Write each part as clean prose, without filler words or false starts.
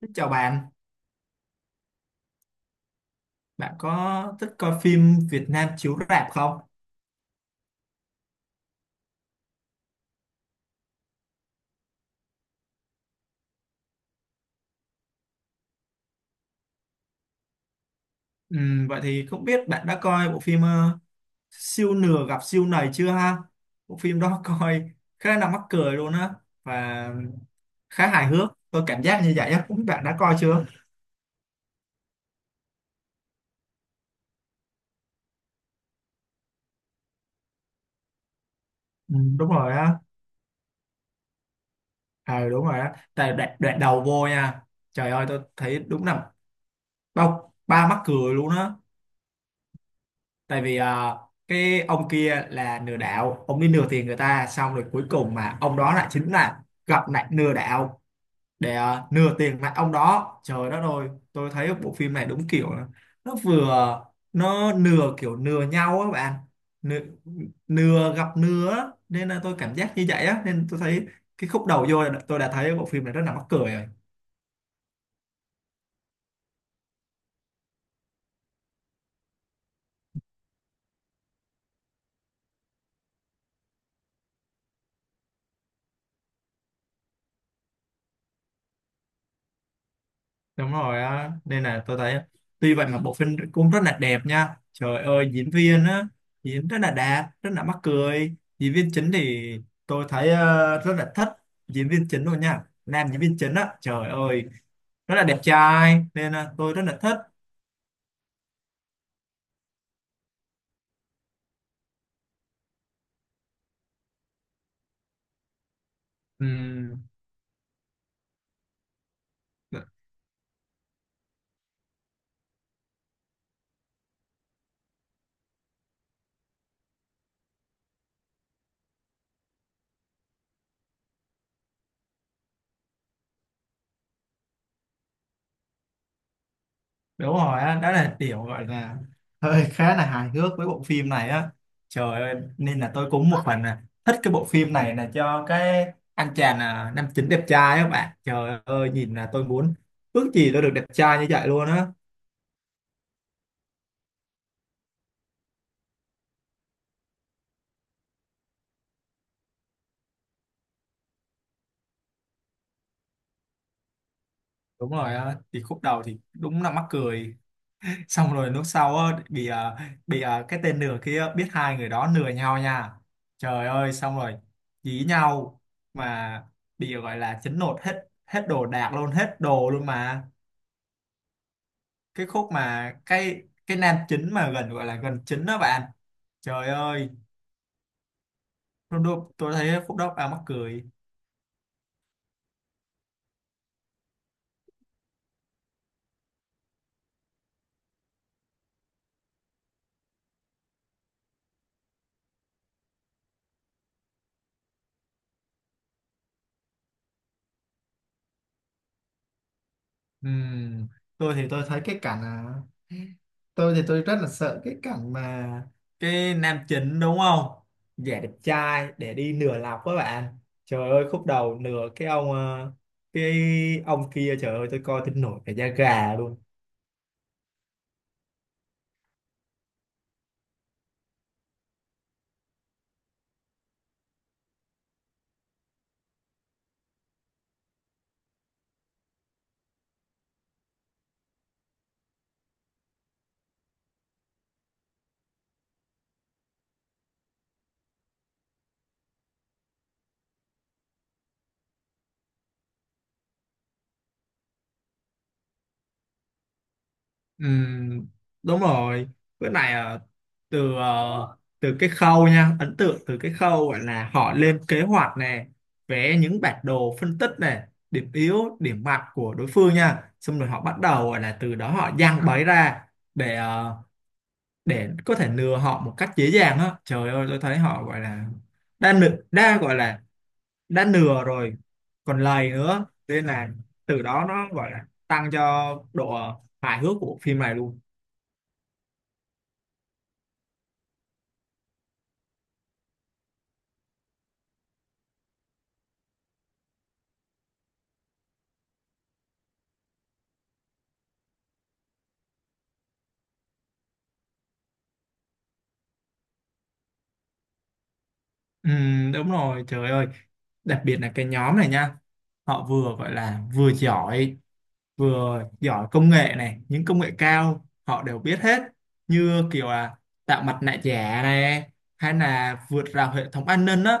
Xin chào bạn, bạn có thích coi phim Việt Nam chiếu rạp không? Vậy thì không biết bạn đã coi bộ phim Siêu Nửa Gặp Siêu nầy chưa ha? Bộ phim đó coi khá là mắc cười luôn á và khá hài hước. Tôi cảm giác như vậy á, không biết bạn đã coi chưa? Đúng rồi á, à, đúng rồi á. Tại đoạn đầu vô nha, trời ơi tôi thấy đúng là bao ba mắc cười luôn á. Tại vì cái ông kia là lừa đảo, ông đi lừa tiền người ta, xong rồi cuối cùng mà ông đó lại chính là gặp lại lừa đảo để lừa tiền lại ông đó. Trời đất ơi, tôi thấy bộ phim này đúng kiểu là nó vừa nó lừa, kiểu lừa nhau á bạn. lừa, lừa gặp lừa á. Nên là tôi cảm giác như vậy á, nên tôi thấy cái khúc đầu vô là tôi đã thấy bộ phim này rất là mắc cười rồi. Đúng rồi á, nên là tôi thấy tuy vậy mà bộ phim cũng rất là đẹp nha. Trời ơi, diễn viên á diễn rất là đạt, rất là mắc cười. Diễn viên chính thì tôi thấy rất là thích diễn viên chính luôn nha. Nam diễn viên chính á, trời ơi rất là đẹp trai nên là tôi rất là thích. Ừm, Đúng rồi á, đó là kiểu gọi là hơi khá là hài hước với bộ phim này á. Trời ơi, nên là tôi cũng một phần là thích cái bộ phim này là cho cái anh chàng nam chính đẹp trai á bạn. Trời ơi, nhìn là tôi muốn ước gì tôi được đẹp trai như vậy luôn á. Đúng rồi á, thì khúc đầu thì đúng là mắc cười, xong rồi lúc sau á, bị cái tên nửa kia biết hai người đó nửa nhau nha. Trời ơi, xong rồi dí nhau, mà bị gọi là chấn nột hết, hết đồ đạc luôn, hết đồ luôn. Mà cái khúc mà cái nam chính mà gần gọi là gần chính đó bạn, trời ơi tôi, tôi thấy khúc đó à mắc cười. Ừm, tôi thì tôi thấy cái cảnh à, tôi thì tôi rất là sợ cái cảnh mà cái nam chính đúng không, giả đẹp trai để đi nửa lọc các bạn. Trời ơi, khúc đầu nửa cái ông cái ông kia, trời ơi tôi coi tôi nổi cả da gà luôn. Ừm, Đúng rồi. Bữa này từ cái khâu nha, ấn tượng từ cái khâu gọi là họ lên kế hoạch nè, vẽ những bản đồ phân tích nè, điểm yếu điểm mạnh của đối phương nha, xong rồi họ bắt đầu gọi là từ đó họ giăng bẫy ra để để có thể lừa họ một cách dễ dàng á. Trời ơi, tôi thấy họ gọi là đã gọi là đã nửa rồi còn lầy nữa, nên là từ đó nó gọi là tăng cho độ hài hước của phim này luôn. Ừ, đúng rồi. Trời ơi, đặc biệt là cái nhóm này nha, họ vừa gọi là vừa giỏi công nghệ này, những công nghệ cao họ đều biết hết, như kiểu là tạo mặt nạ giả này, hay là vượt rào hệ thống an ninh á.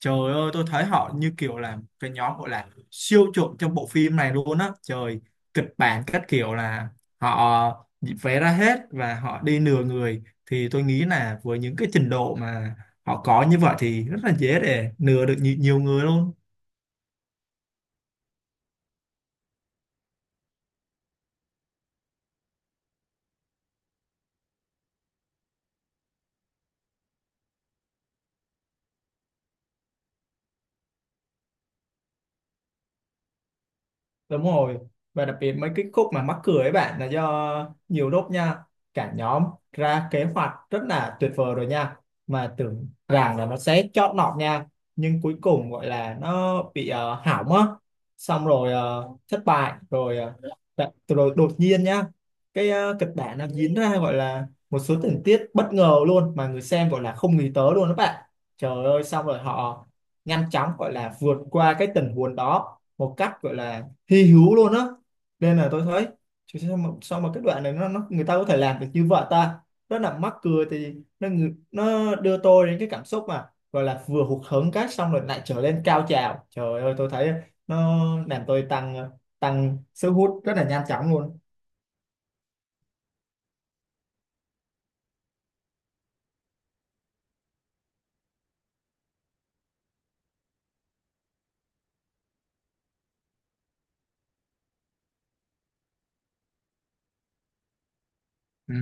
Trời ơi, tôi thấy họ như kiểu là cái nhóm gọi là siêu trộm trong bộ phim này luôn á trời. Kịch bản các kiểu là họ vẽ ra hết và họ đi lừa người, thì tôi nghĩ là với những cái trình độ mà họ có như vậy thì rất là dễ để lừa được nhiều người luôn. Đúng rồi. Và đặc biệt mấy cái khúc mà mắc cười ấy bạn là do nhiều lúc nha, cả nhóm ra kế hoạch rất là tuyệt vời rồi nha. Mà tưởng rằng là nó sẽ chót lọt nha. Nhưng cuối cùng gọi là nó bị hỏng á. Xong rồi thất bại. Rồi đột nhiên nha. Cái kịch bản nó diễn ra gọi là một số tình tiết bất ngờ luôn. Mà người xem gọi là không nghĩ tới luôn đó bạn. Trời ơi, xong rồi họ nhanh chóng gọi là vượt qua cái tình huống đó một cách gọi là hy hữu luôn á. Nên là tôi thấy, chứ sao mà cái đoạn này nó người ta có thể làm được như vậy ta, rất là mắc cười. Thì nó đưa tôi đến cái cảm xúc mà gọi là vừa hụt hẫng, cái xong rồi lại trở lên cao trào. Trời ơi, tôi thấy nó làm tôi tăng tăng sức hút rất là nhanh chóng luôn. Ừ,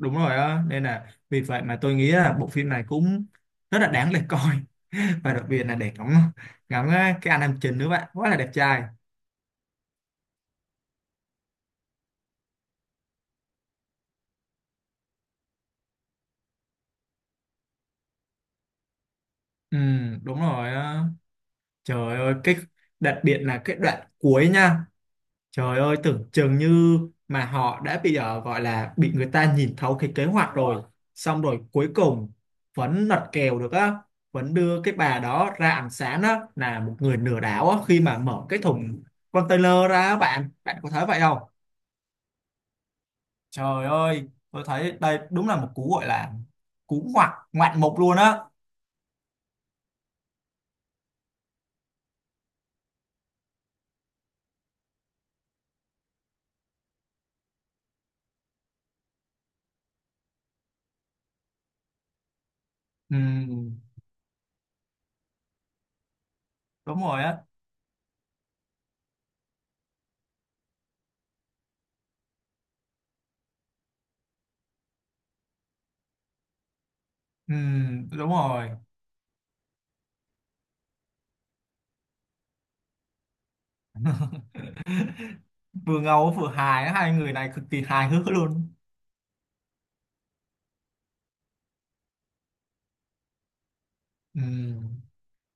đúng rồi á, nên là vì vậy mà tôi nghĩ là bộ phim này cũng rất là đáng để coi và đặc biệt là để ngắm ngắm cái anh nam chính nữa bạn, quá là đẹp trai. Ừ, đúng rồi á. Trời ơi, cái đặc biệt là cái đoạn cuối nha. Trời ơi, tưởng chừng như mà họ đã bị gọi là bị người ta nhìn thấu cái kế hoạch rồi. Xong rồi cuối cùng vẫn lật kèo được á. Vẫn đưa cái bà đó ra ánh sáng á, là một người lừa đảo á, khi mà mở cái thùng container ra á bạn. Bạn có thấy vậy không? Trời ơi, tôi thấy đây đúng là một cú gọi là cú ngoạn mục luôn á. Ừ, đúng rồi á. Ừ, đúng rồi. Vừa ngầu vừa hài, hai người này cực kỳ hài hước luôn. Ừ.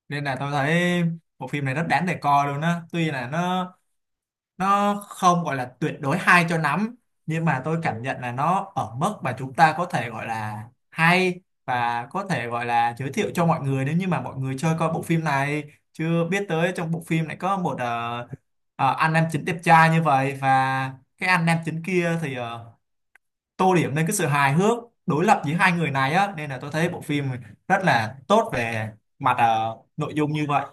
Nên là tôi thấy bộ phim này rất đáng để coi luôn á, tuy là nó không gọi là tuyệt đối hay cho lắm, nhưng mà tôi cảm nhận là nó ở mức mà chúng ta có thể gọi là hay và có thể gọi là giới thiệu cho mọi người. Nếu như mà mọi người chơi coi bộ phim này, chưa biết tới trong bộ phim này có một anh nam chính đẹp trai như vậy, và cái anh nam chính kia thì tô điểm lên cái sự hài hước đối lập giữa hai người này á. Nên là tôi thấy bộ phim rất là tốt về mặt nội dung như vậy.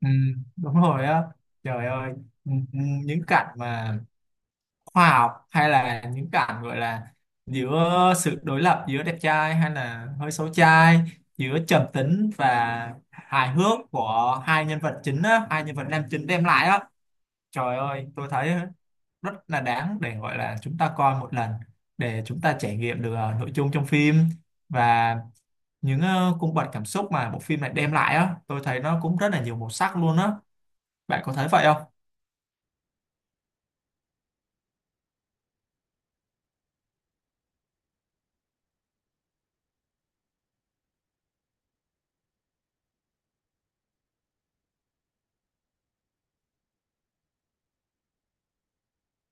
Ừ, đúng rồi á, trời ơi. ừ, ừ, những cảnh mà khoa học, hay là những cảnh gọi là giữa sự đối lập giữa đẹp trai hay là hơi xấu trai, giữa trầm tính và hài hước của hai nhân vật chính á, hai nhân vật nam chính đem lại á. Trời ơi, tôi thấy rất là đáng để gọi là chúng ta coi một lần để chúng ta trải nghiệm được nội dung trong phim, và những cung bậc cảm xúc mà bộ phim này đem lại á. Tôi thấy nó cũng rất là nhiều màu sắc luôn á. Bạn có thấy vậy không?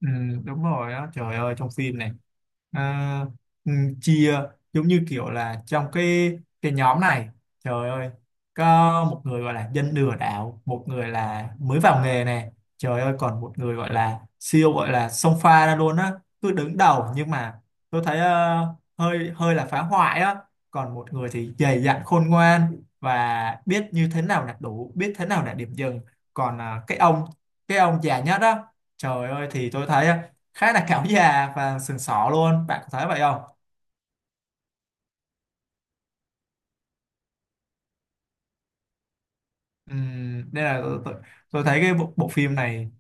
Ừ, đúng rồi á. Trời ơi, trong phim này à, ừ, chia giống như kiểu là trong cái nhóm này, trời ơi có một người gọi là dân lừa đảo, một người là mới vào nghề này, trời ơi còn một người gọi là siêu gọi là xông pha ra luôn á, cứ đứng đầu, nhưng mà tôi thấy ờ, hơi hơi là phá hoại á. Còn một người thì dày dặn, khôn ngoan, và biết như thế nào là đủ, biết thế nào là điểm dừng. Còn cái ông già nhất á, trời ơi thì tôi thấy á khá là cáo già và sừng sỏ luôn, bạn có thấy vậy không? Nên là tôi thấy cái bộ phim này,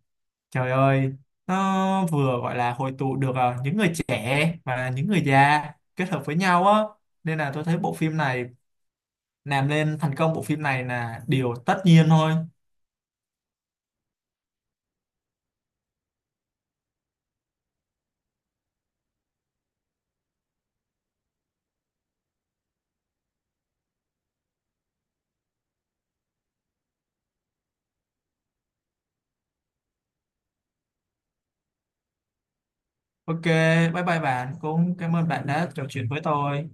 trời ơi, nó vừa gọi là hội tụ được những người trẻ và những người già kết hợp với nhau á. Nên là tôi thấy bộ phim này làm nên thành công bộ phim này là điều tất nhiên thôi. OK, bye bye bạn, cũng cảm ơn bạn đã trò chuyện với tôi.